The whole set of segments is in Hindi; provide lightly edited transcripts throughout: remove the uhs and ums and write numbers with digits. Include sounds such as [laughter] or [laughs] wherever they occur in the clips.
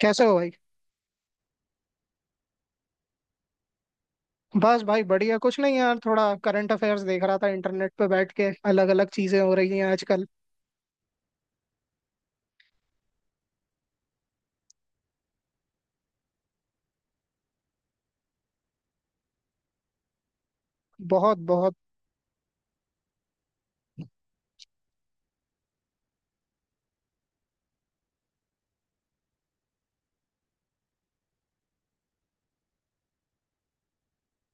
कैसे हो भाई? बस भाई बढ़िया कुछ नहीं यार, थोड़ा करंट अफेयर्स देख रहा था इंटरनेट पे बैठ के। अलग अलग चीजें हो रही हैं आजकल। बहुत बहुत।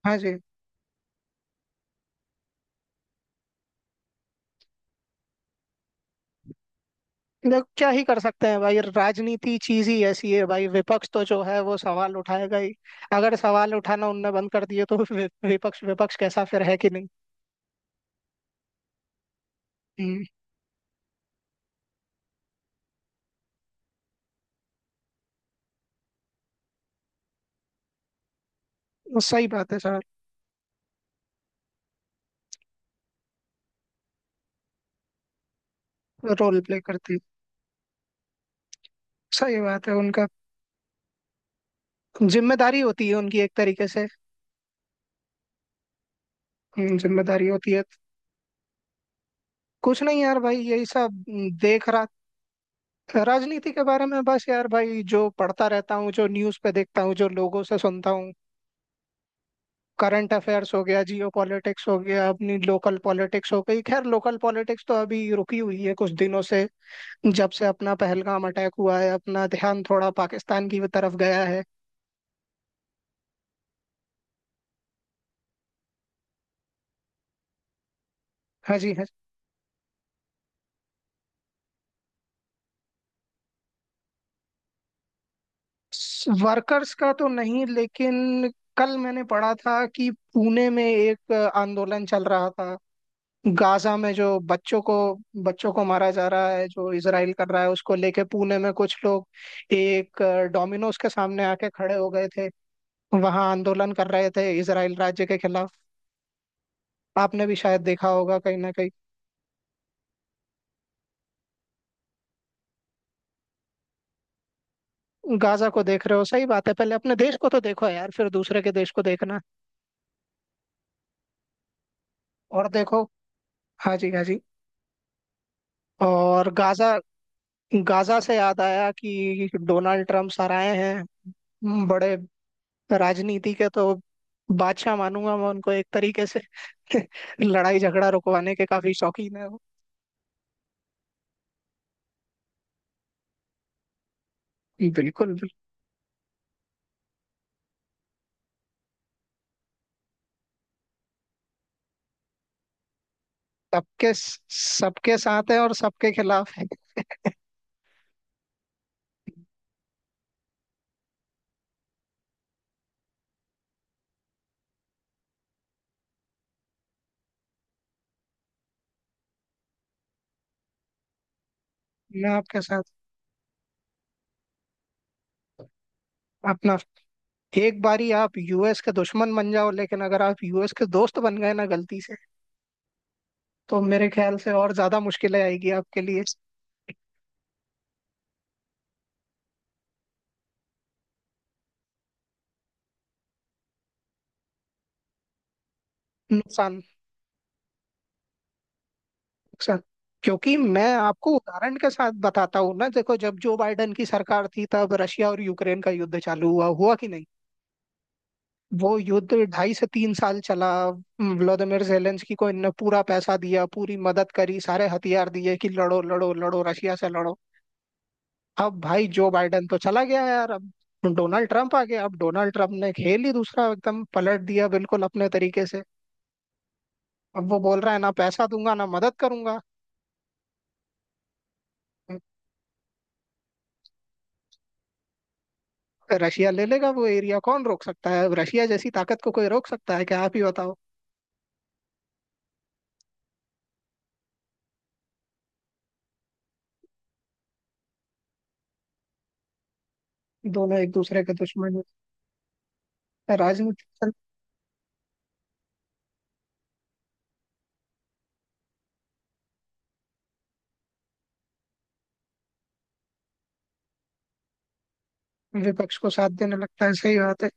हाँ जी। देख क्या ही कर सकते हैं भाई, राजनीति चीज ही ऐसी है भाई। विपक्ष तो जो है वो सवाल उठाएगा ही। अगर सवाल उठाना उनने बंद कर दिए तो विपक्ष विपक्ष कैसा फिर, है कि नहीं। हम्म, सही बात है सर। रोल प्ले करती है। सही बात है उनका। जिम्मेदारी होती है उनकी एक तरीके से। जिम्मेदारी होती है। कुछ नहीं यार भाई, यही सब देख रहा। राजनीति के बारे में बस यार भाई, जो पढ़ता रहता हूँ, जो न्यूज़ पे देखता हूँ, जो लोगों से सुनता हूँ। करंट अफेयर्स हो गया, जियो पॉलिटिक्स हो गया, अपनी लोकल पॉलिटिक्स हो गई। खैर लोकल पॉलिटिक्स तो अभी रुकी हुई है कुछ दिनों से। जब से अपना पहलगाम अटैक हुआ है, अपना ध्यान थोड़ा पाकिस्तान की तरफ गया है। हाँ जी। हाँ, वर्कर्स का तो नहीं लेकिन कल मैंने पढ़ा था कि पुणे में एक आंदोलन चल रहा था। गाजा में जो बच्चों को मारा जा रहा है, जो इसराइल कर रहा है, उसको लेके पुणे में कुछ लोग एक डोमिनोज के सामने आके खड़े हो गए थे। वहां आंदोलन कर रहे थे इसराइल राज्य के खिलाफ। आपने भी शायद देखा होगा कहीं ना कहीं। गाजा को देख रहे हो, सही बात है। पहले अपने देश को तो देखो यार, फिर दूसरे के देश को देखना। और देखो। हाँ जी, हाँ जी। और गाजा, गाजा से याद आया कि डोनाल्ड ट्रम्प सर आए हैं। बड़े राजनीति के तो बादशाह मानूंगा मैं उनको एक तरीके से। [laughs] लड़ाई झगड़ा रुकवाने के काफी शौकीन है वो। बिल्कुल बिल्कुल। सबके सबके साथ है और सबके खिलाफ है। मैं आपके साथ, अपना, एक बारी आप यूएस के दुश्मन बन जाओ, लेकिन अगर आप यूएस के दोस्त बन गए ना गलती से, तो मेरे ख्याल से और ज्यादा मुश्किलें आएगी आपके लिए। नुकसान। नुकसान, क्योंकि मैं आपको उदाहरण के साथ बताता हूँ ना। देखो, जब जो बाइडन की सरकार थी तब रशिया और यूक्रेन का युद्ध चालू हुआ, हुआ कि नहीं। वो युद्ध 2.5 से 3 साल चला। व्लादिमीर जेलेंस्की को इनने पूरा पैसा दिया, पूरी मदद करी, सारे हथियार दिए कि लड़ो लड़ो लड़ो, रशिया से लड़ो। अब भाई जो बाइडेन तो चला गया यार। अब डोनाल्ड ट्रंप आ गया। अब डोनाल्ड ट्रंप ने खेल ही दूसरा एकदम पलट दिया बिल्कुल अपने तरीके से। अब वो बोल रहा है ना पैसा दूंगा ना मदद करूंगा। रशिया ले लेगा वो एरिया, कौन रोक सकता है। अब रशिया जैसी ताकत को कोई रोक सकता है क्या, आप ही बताओ। दोनों एक दूसरे के दुश्मन हैं। राजनीतिक दल विपक्ष को साथ देने लगता है, सही बात है।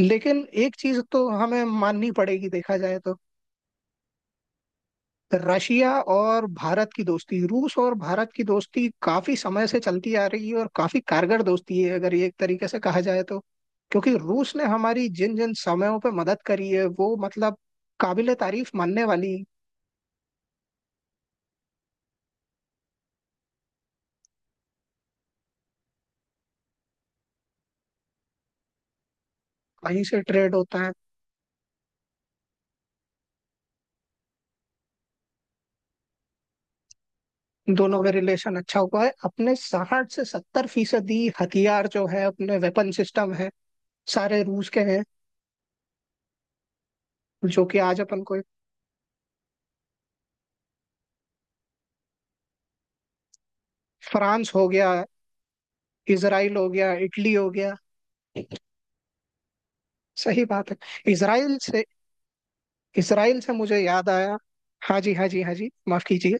लेकिन एक चीज तो हमें माननी पड़ेगी देखा जाए तो। रशिया और भारत की दोस्ती, रूस और भारत की दोस्ती काफी समय से चलती आ रही है, और काफी कारगर दोस्ती है अगर ये एक तरीके से कहा जाए तो। क्योंकि रूस ने हमारी जिन जिन समयों पे मदद करी है वो मतलब काबिले तारीफ मानने वाली। वहीं से ट्रेड होता है। दोनों में रिलेशन अच्छा हुआ है। अपने 60 से 70% हथियार जो है, अपने वेपन सिस्टम है, सारे रूस के हैं। जो कि आज अपन को। फ्रांस हो गया, इसराइल हो गया, इटली हो गया। सही बात है। इसराइल से, इसराइल से मुझे याद आया। हाँ जी, हाँ जी, हाँ जी, माफ कीजिए।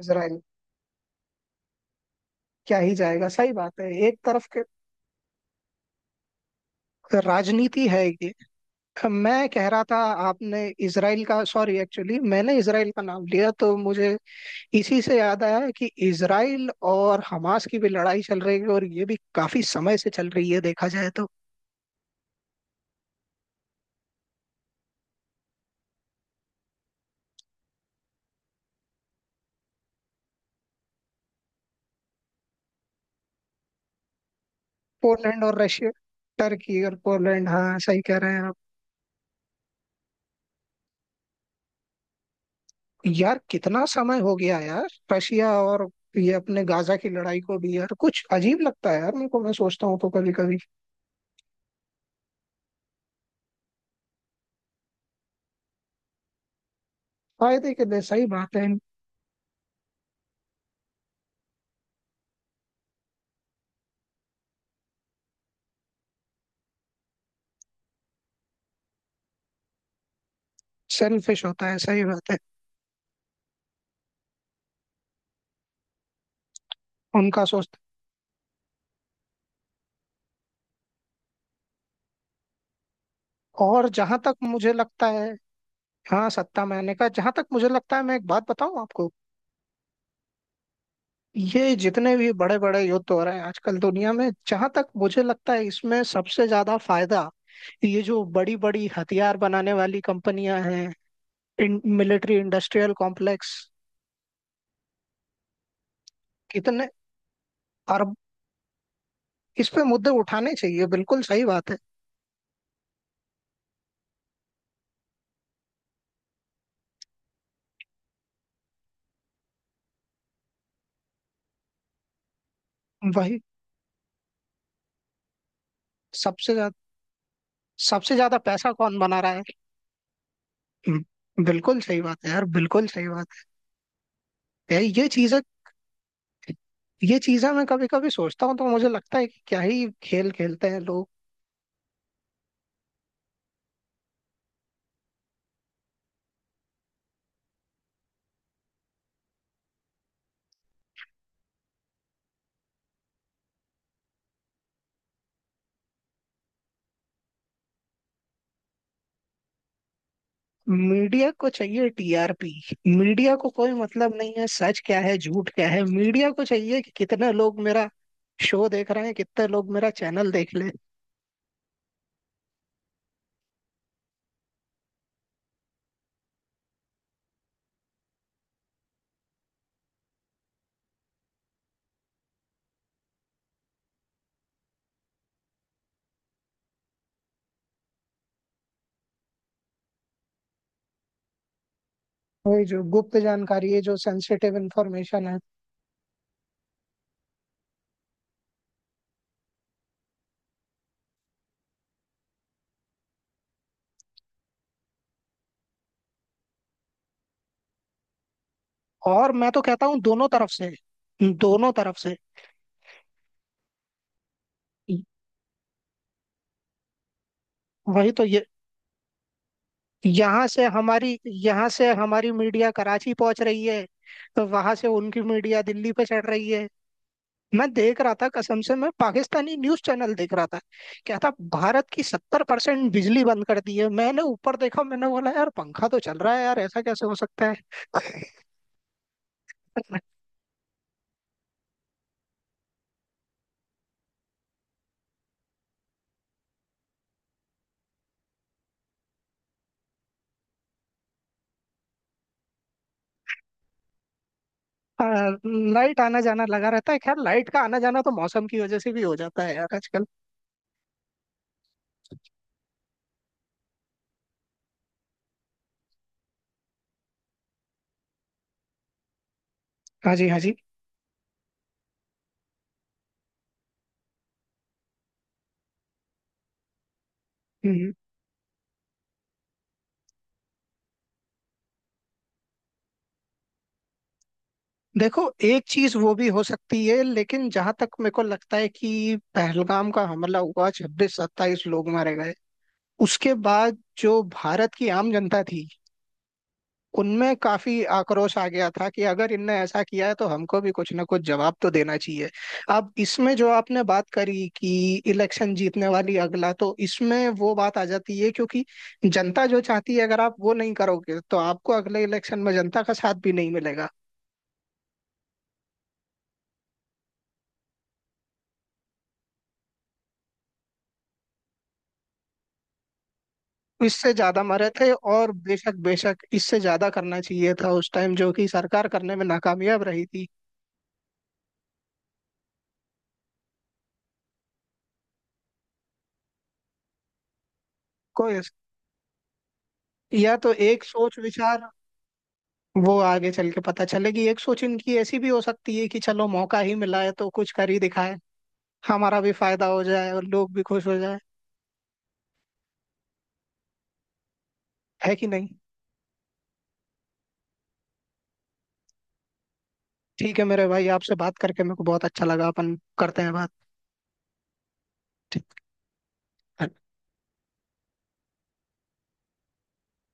इसराइल। क्या ही जाएगा, सही बात है एक तरफ के। राजनीति है ये। मैं कह रहा था, आपने इसराइल का, सॉरी एक्चुअली मैंने इसराइल का नाम लिया तो मुझे इसी से याद आया कि इसराइल और हमास की भी लड़ाई चल रही है, और ये भी काफी समय से चल रही है देखा जाए तो। पोलैंड और रशिया, टर्की और पोलैंड, हाँ सही कह रहे हैं। यार कितना समय हो गया यार, रशिया और, ये अपने गाजा की लड़ाई को भी यार, कुछ अजीब लगता है यार मेरे को, मैं सोचता हूँ तो कभी कभी। फायदे के लिए, सही बात है। सेल्फिश होता है, सही बात है। उनका सोचता। और जहां तक मुझे लगता है। हाँ, सत्ता मैंने का, जहां तक मुझे लगता है, मैं एक बात बताऊं आपको? ये जितने भी बड़े बड़े युद्ध हो रहे हैं आजकल दुनिया में, जहां तक मुझे लगता है इसमें सबसे ज्यादा फायदा ये जो बड़ी बड़ी हथियार बनाने वाली कंपनियां हैं, मिलिट्री इंडस्ट्रियल कॉम्प्लेक्स। कितने अरब। इस पे मुद्दे उठाने चाहिए, बिल्कुल सही बात है। वही। सबसे ज्यादा, सबसे ज्यादा पैसा कौन बना रहा है। बिल्कुल सही बात है यार, बिल्कुल सही बात है यार, ये चीजें, ये चीजें मैं कभी कभी सोचता हूँ तो मुझे लगता है कि क्या ही खेल खेलते हैं लोग। मीडिया को चाहिए टीआरपी। मीडिया को कोई मतलब नहीं है सच क्या है झूठ क्या है, मीडिया को चाहिए कि कितने लोग मेरा शो देख रहे हैं, कितने लोग मेरा चैनल देख ले। वही जो गुप्त जानकारी है, जो सेंसिटिव इंफॉर्मेशन है। और मैं तो कहता हूँ दोनों तरफ से, दोनों तरफ से। वही तो ये, यहाँ से हमारी, यहाँ से हमारी मीडिया कराची पहुंच रही है, तो वहां से उनकी मीडिया दिल्ली पे चढ़ रही है। मैं देख रहा था कसम से, मैं पाकिस्तानी न्यूज चैनल देख रहा था। क्या था? भारत की 70% बिजली बंद कर दी है। मैंने ऊपर देखा, मैंने बोला यार पंखा तो चल रहा है यार, ऐसा कैसे हो सकता है। [laughs] आ, लाइट आना जाना लगा रहता है। खैर लाइट का आना जाना तो मौसम की वजह से भी हो जाता है यार आजकल। हाँ जी, हाँ जी। हम्म, देखो एक चीज वो भी हो सकती है, लेकिन जहां तक मेरे को लगता है कि पहलगाम का हमला हुआ, 26-27 लोग मारे गए। उसके बाद जो भारत की आम जनता थी, उनमें काफी आक्रोश आ गया था कि अगर इनने ऐसा किया है तो हमको भी कुछ ना कुछ जवाब तो देना चाहिए। अब इसमें जो आपने बात करी कि इलेक्शन जीतने वाली अगला, तो इसमें वो बात आ जाती है क्योंकि जनता जो चाहती है अगर आप वो नहीं करोगे तो आपको अगले इलेक्शन में जनता का साथ भी नहीं मिलेगा। इससे ज्यादा मरे थे, और बेशक बेशक इससे ज्यादा करना चाहिए था उस टाइम, जो कि सरकार करने में नाकामयाब रही थी। कोई, या तो एक सोच विचार, वो आगे चल के पता चलेगी। एक सोच इनकी ऐसी भी हो सकती है कि चलो मौका ही मिला है तो कुछ कर ही दिखाए, हमारा भी फायदा हो जाए और लोग भी खुश हो जाए, है कि नहीं। ठीक है मेरे भाई, आपसे बात करके मेरे को बहुत अच्छा लगा, अपन करते हैं बात। ठीक है।